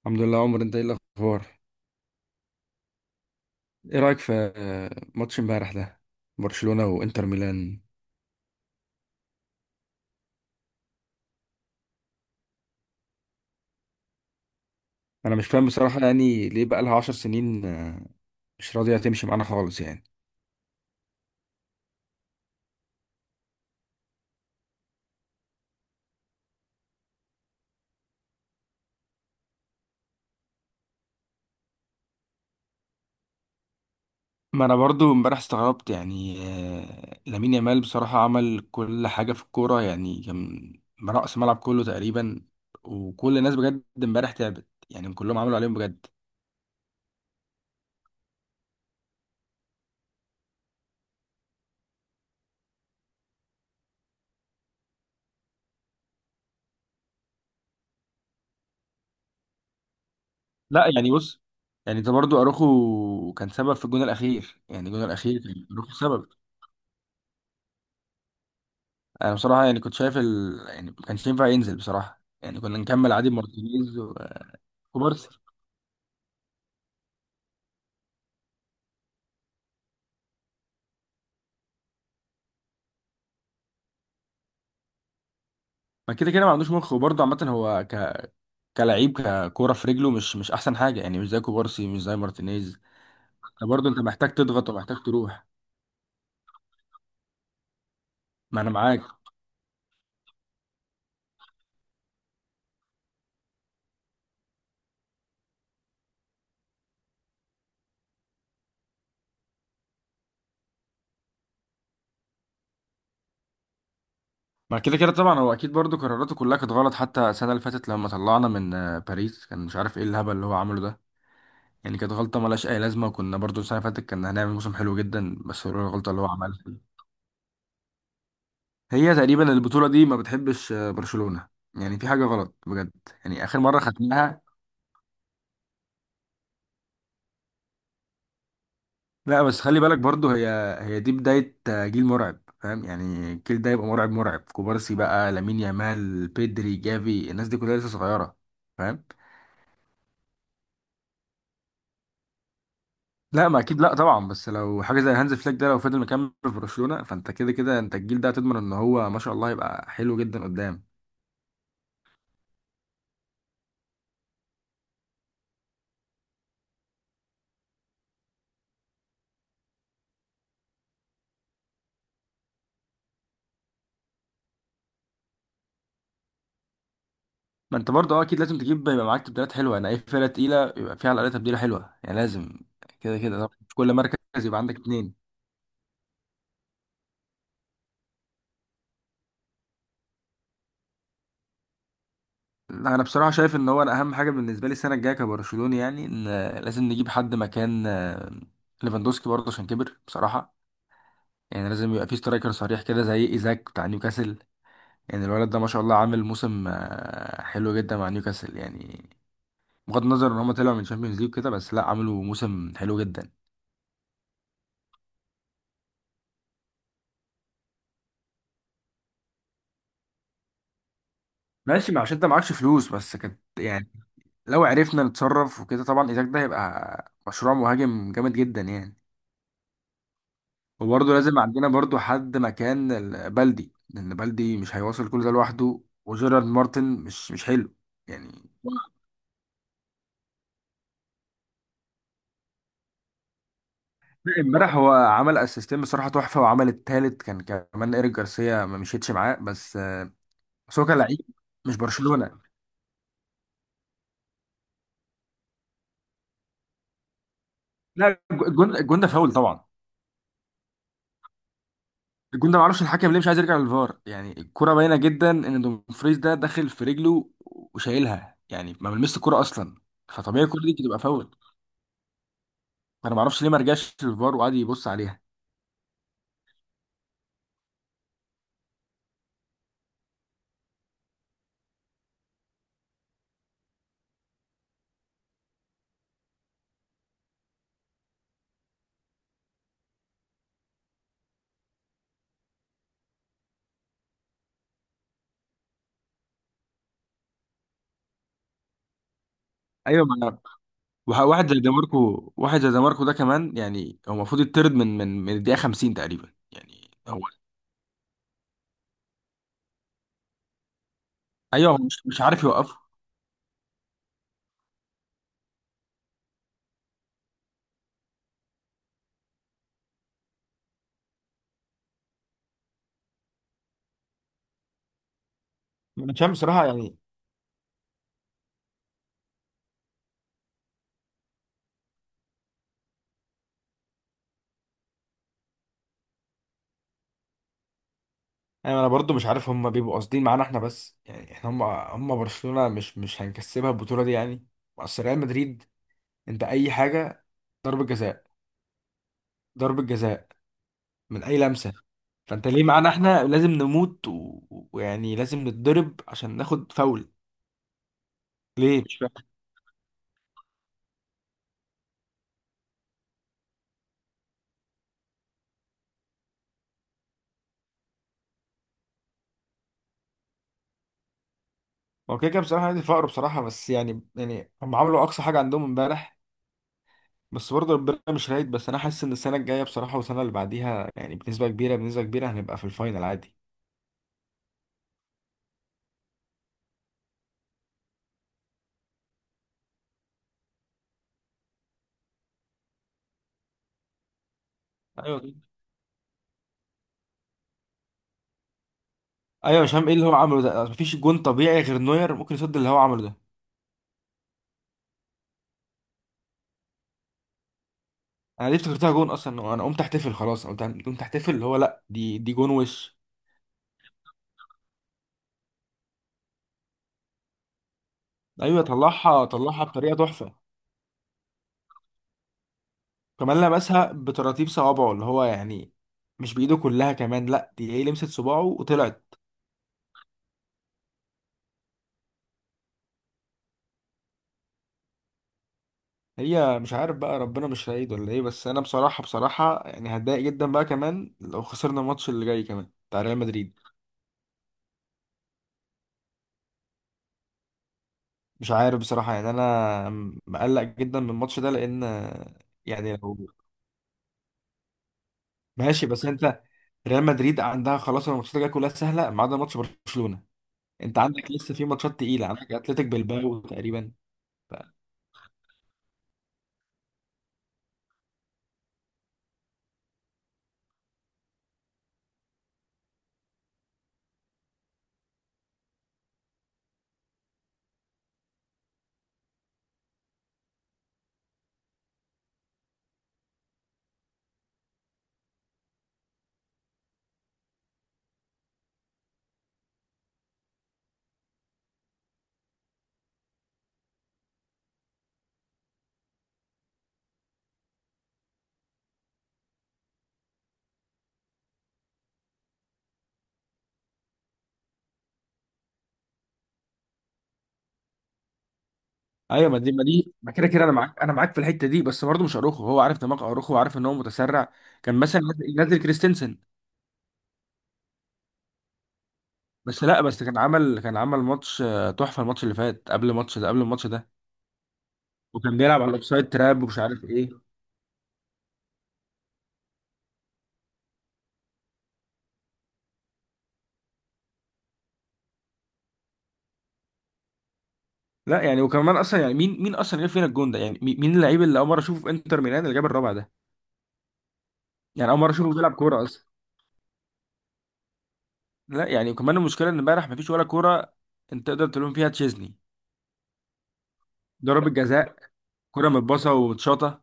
الحمد لله. عمر، انت ايه الاخبار؟ ايه رايك في ماتش امبارح ده؟ برشلونه وانتر ميلان. انا مش فاهم بصراحه، يعني ليه بقى لها 10 سنين مش راضيه تمشي معانا خالص يعني. ما انا برضو امبارح استغربت يعني. لامين يامال بصراحه عمل كل حاجه في الكوره، يعني كان رأس ملعب كله تقريبا. وكل الناس بجد امبارح تعبت، يعني كلهم عملوا عليهم بجد. لا يعني بص، يعني ده برضو اروخو كان سبب في الجون الاخير، يعني الجون الاخير كان اروخو سبب. انا بصراحه يعني كنت شايف يعني ما كانش ينفع ينزل بصراحه، يعني كنا نكمل عادي مارتينيز وكوبارسي. ما كده كده ما عندوش مخ، وبرضه عامه هو كلعيب ككوره في رجله مش احسن حاجه، يعني مش زي كوبارسي مش زي مارتينيز. برضه انت محتاج تضغط ومحتاج تروح. ما انا معاك. ما كده كده طبعا هو اكيد برضه قراراته كلها كانت غلط، حتى السنه اللي فاتت لما طلعنا من باريس كان مش عارف ايه الهبل اللي هو عمله ده. يعني كانت غلطه ملهاش اي لازمه، وكنا برضه السنه اللي فاتت كنا هنعمل موسم حلو جدا، بس هو الغلطه اللي هو عملها. هي تقريبا البطولة دي ما بتحبش برشلونة، يعني في حاجة غلط بجد. يعني آخر مرة ختمناها. لا بس خلي بالك برضو هي دي بداية جيل مرعب، فاهم؟ يعني الجيل ده يبقى مرعب، مرعب. كوبارسي بقى، لامين يامال، بيدري، جافي، الناس دي كلها لسه صغيرة، فاهم؟ لا ما اكيد لا طبعا، بس لو حاجة زي هانز فليك ده لو فضل مكمل في برشلونة فانت كده كده انت الجيل ده هتضمن ان هو ما شاء الله يبقى حلو جدا قدام. ما انت برضه اه، اكيد لازم تجيب يبقى معاك تبديلات حلوه. انا اي فرقه تقيله يبقى فيها على الاقل تبديله حلوه، يعني لازم كده كده طبعا في كل مركز يبقى عندك اتنين. لا انا بصراحه شايف ان هو انا اهم حاجه بالنسبه لي السنه الجايه كبرشلوني، يعني ان لازم نجيب حد مكان ليفاندوسكي برضه عشان كبر بصراحه. يعني لازم يبقى في سترايكر صريح كده زي ايزاك بتاع نيوكاسل. يعني الولد ده ما شاء الله عامل موسم حلو جدا مع نيوكاسل، يعني بغض النظر ان هم طلعوا من الشامبيونز ليج كده، بس لا عملوا موسم حلو جدا. ماشي، ما عشان انت معكش فلوس، بس كانت يعني لو عرفنا نتصرف وكده طبعا إيزاك ده هيبقى مشروع مهاجم جامد جدا يعني. وبرضه لازم عندنا برضه حد مكان بلدي، لأن بلدي مش هيواصل كل ده لوحده، وجيرارد مارتن مش حلو يعني. امبارح هو عمل اسيستين بصراحة تحفة، وعمل التالت كان كمان إيريك جارسيا ما مشيتش معاه، بس بس هو كان لعيب مش برشلونة. لا الجون، الجون ده فاول طبعا. الجون ده معرفش الحكم ليه مش عايز يرجع للفار، يعني الكرة باينة جدا ان دومفريز ده داخل في رجله وشايلها، يعني ما ملمسش الكرة اصلا. فطبيعي الكرة دي تبقى فاول، فانا معرفش ليه ما رجعش للفار وقعد يبص عليها. ايوه. ما أنا- واحد زي ديماركو، واحد زي ديماركو ده كمان يعني هو المفروض يطرد من من الدقيقة 50 تقريبا يعني هو. ايوه هو مش عارف يوقفه. انا مش عارف بصراحه يعني. انا انا برضو مش عارف هم بيبقوا قاصدين معانا احنا بس، يعني احنا، هم برشلونه مش هنكسبها البطوله دي يعني. اصل ريال مدريد انت اي حاجه، ضربه جزاء، ضربه جزاء من اي لمسه. فانت ليه معانا احنا لازم نموت ويعني لازم نتضرب عشان ناخد فاول؟ ليه؟ مش فاهم. هو كده كده بصراحه نادي فقر بصراحه، بس يعني يعني هم عملوا اقصى حاجه عندهم امبارح، بس برضه ربنا مش رايد. بس انا حاسس ان السنه الجايه بصراحه والسنه اللي بعديها يعني بنسبه كبيره هنبقى في الفاينل عادي. ايوه. ايوه، مش فاهم ايه اللي هو عمله ده، مفيش جون طبيعي غير نوير ممكن يصد اللي هو عمله ده. انا ليه افتكرتها جون اصلا، انا قمت احتفل خلاص، قمت احتفل اللي هو لا، دي جون وش. ايوه، طلعها بطريقه تحفه. كمان لمسها بتراتيب صوابعه اللي هو يعني مش بايده كلها كمان، لا دي هي لمست صباعه وطلعت. هي مش عارف بقى ربنا مش سعيد ولا ايه، بس انا بصراحه، بصراحه يعني هتضايق جدا بقى كمان لو خسرنا الماتش اللي جاي كمان بتاع ريال مدريد. مش عارف بصراحه يعني، انا مقلق جدا من الماتش ده، لان يعني لو ماشي، بس انت ريال مدريد عندها خلاص الماتشات الجايه كلها سهله ما عدا ماتش برشلونه. انت عندك لسه في ماتشات تقيله، عندك اتلتيك بالباو تقريبا. ف... ايوه، ما دي ما كده كده انا معاك، انا معاك في الحته دي، بس برضه مش اروخو، هو عارف دماغ اروخو وعارف ان هو متسرع. كان مثلا نازل، نازل كريستنسن. بس لا، بس كان عمل ماتش تحفه، الماتش اللي فات قبل الماتش ده قبل الماتش ده. وكان بيلعب على الاوفسايد تراب ومش عارف ايه. لا يعني وكمان اصلا، يعني مين اصلا جاب فينا الجون ده؟ يعني مين اللعيب اللي اول مره اشوفه في انتر ميلان اللي جاب الرابع ده؟ يعني اول مره اشوفه بيلعب كوره اصلا. لا يعني كمان المشكله ان امبارح مفيش ولا كوره انت تقدر تلوم فيها تشيزني. ضربة جزاء، كوره متباصه ومتشاطه.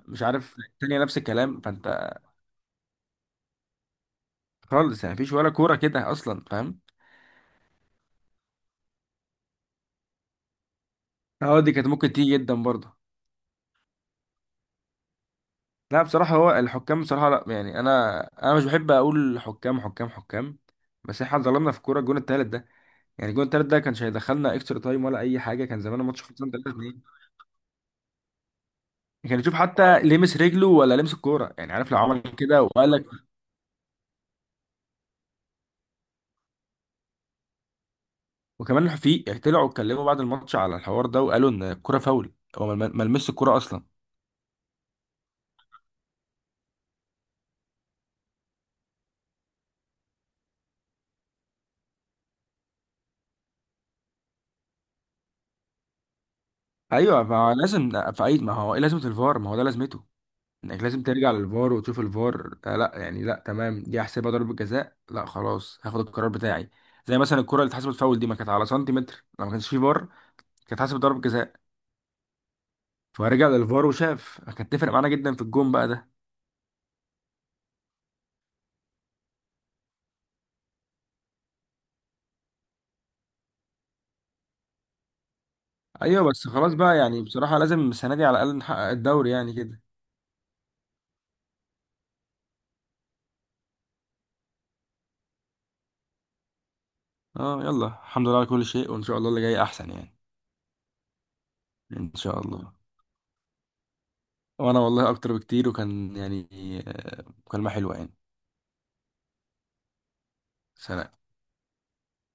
مش عارف، التانية نفس الكلام. فانت خالص، يعني مفيش ولا كوره كده اصلا، فاهم؟ اه دي كانت ممكن تيجي جدا برضه. لا بصراحه هو الحكام بصراحه، لا يعني انا انا مش بحب اقول حكام حكام حكام، بس احنا ظلمنا في كوره الجون التالت ده. يعني الجون التالت ده كانش هيدخلنا اكسترا تايم ولا اي حاجه، كان زمان الماتش خلصان 3-2. كان يشوف حتى لمس رجله ولا لمس الكوره، يعني عارف، لو عمل كده وقال. وكمان في طلعوا اتكلموا بعد الماتش على الحوار ده، وقالوا ان الكرة فاول، هو ما لمسش الكرة اصلا. ايوه. ما هو لازم في اي، ما هو ايه لازمة الفار؟ ما هو ده لازمته، انك لازم ترجع للفار وتشوف الفار. آه لا يعني، لا تمام دي احسبها ضربة جزاء، لا خلاص هاخد القرار بتاعي. زي مثلا الكرة اللي اتحسبت فاول دي ما كانت على سنتيمتر، لو ما كانش في فار كانت اتحسبت ضربة جزاء. فرجع للفار وشاف، كانت تفرق معانا جدا في الجون بقى ده. ايوه بس خلاص بقى، يعني بصراحة لازم السنة دي على الاقل نحقق الدوري يعني كده. اه يلا، الحمد لله على كل شيء، وان شاء الله اللي جاي احسن يعني. ان شاء الله. وانا والله اكتر بكتير، وكان يعني مكالمة حلوة يعني. سلام.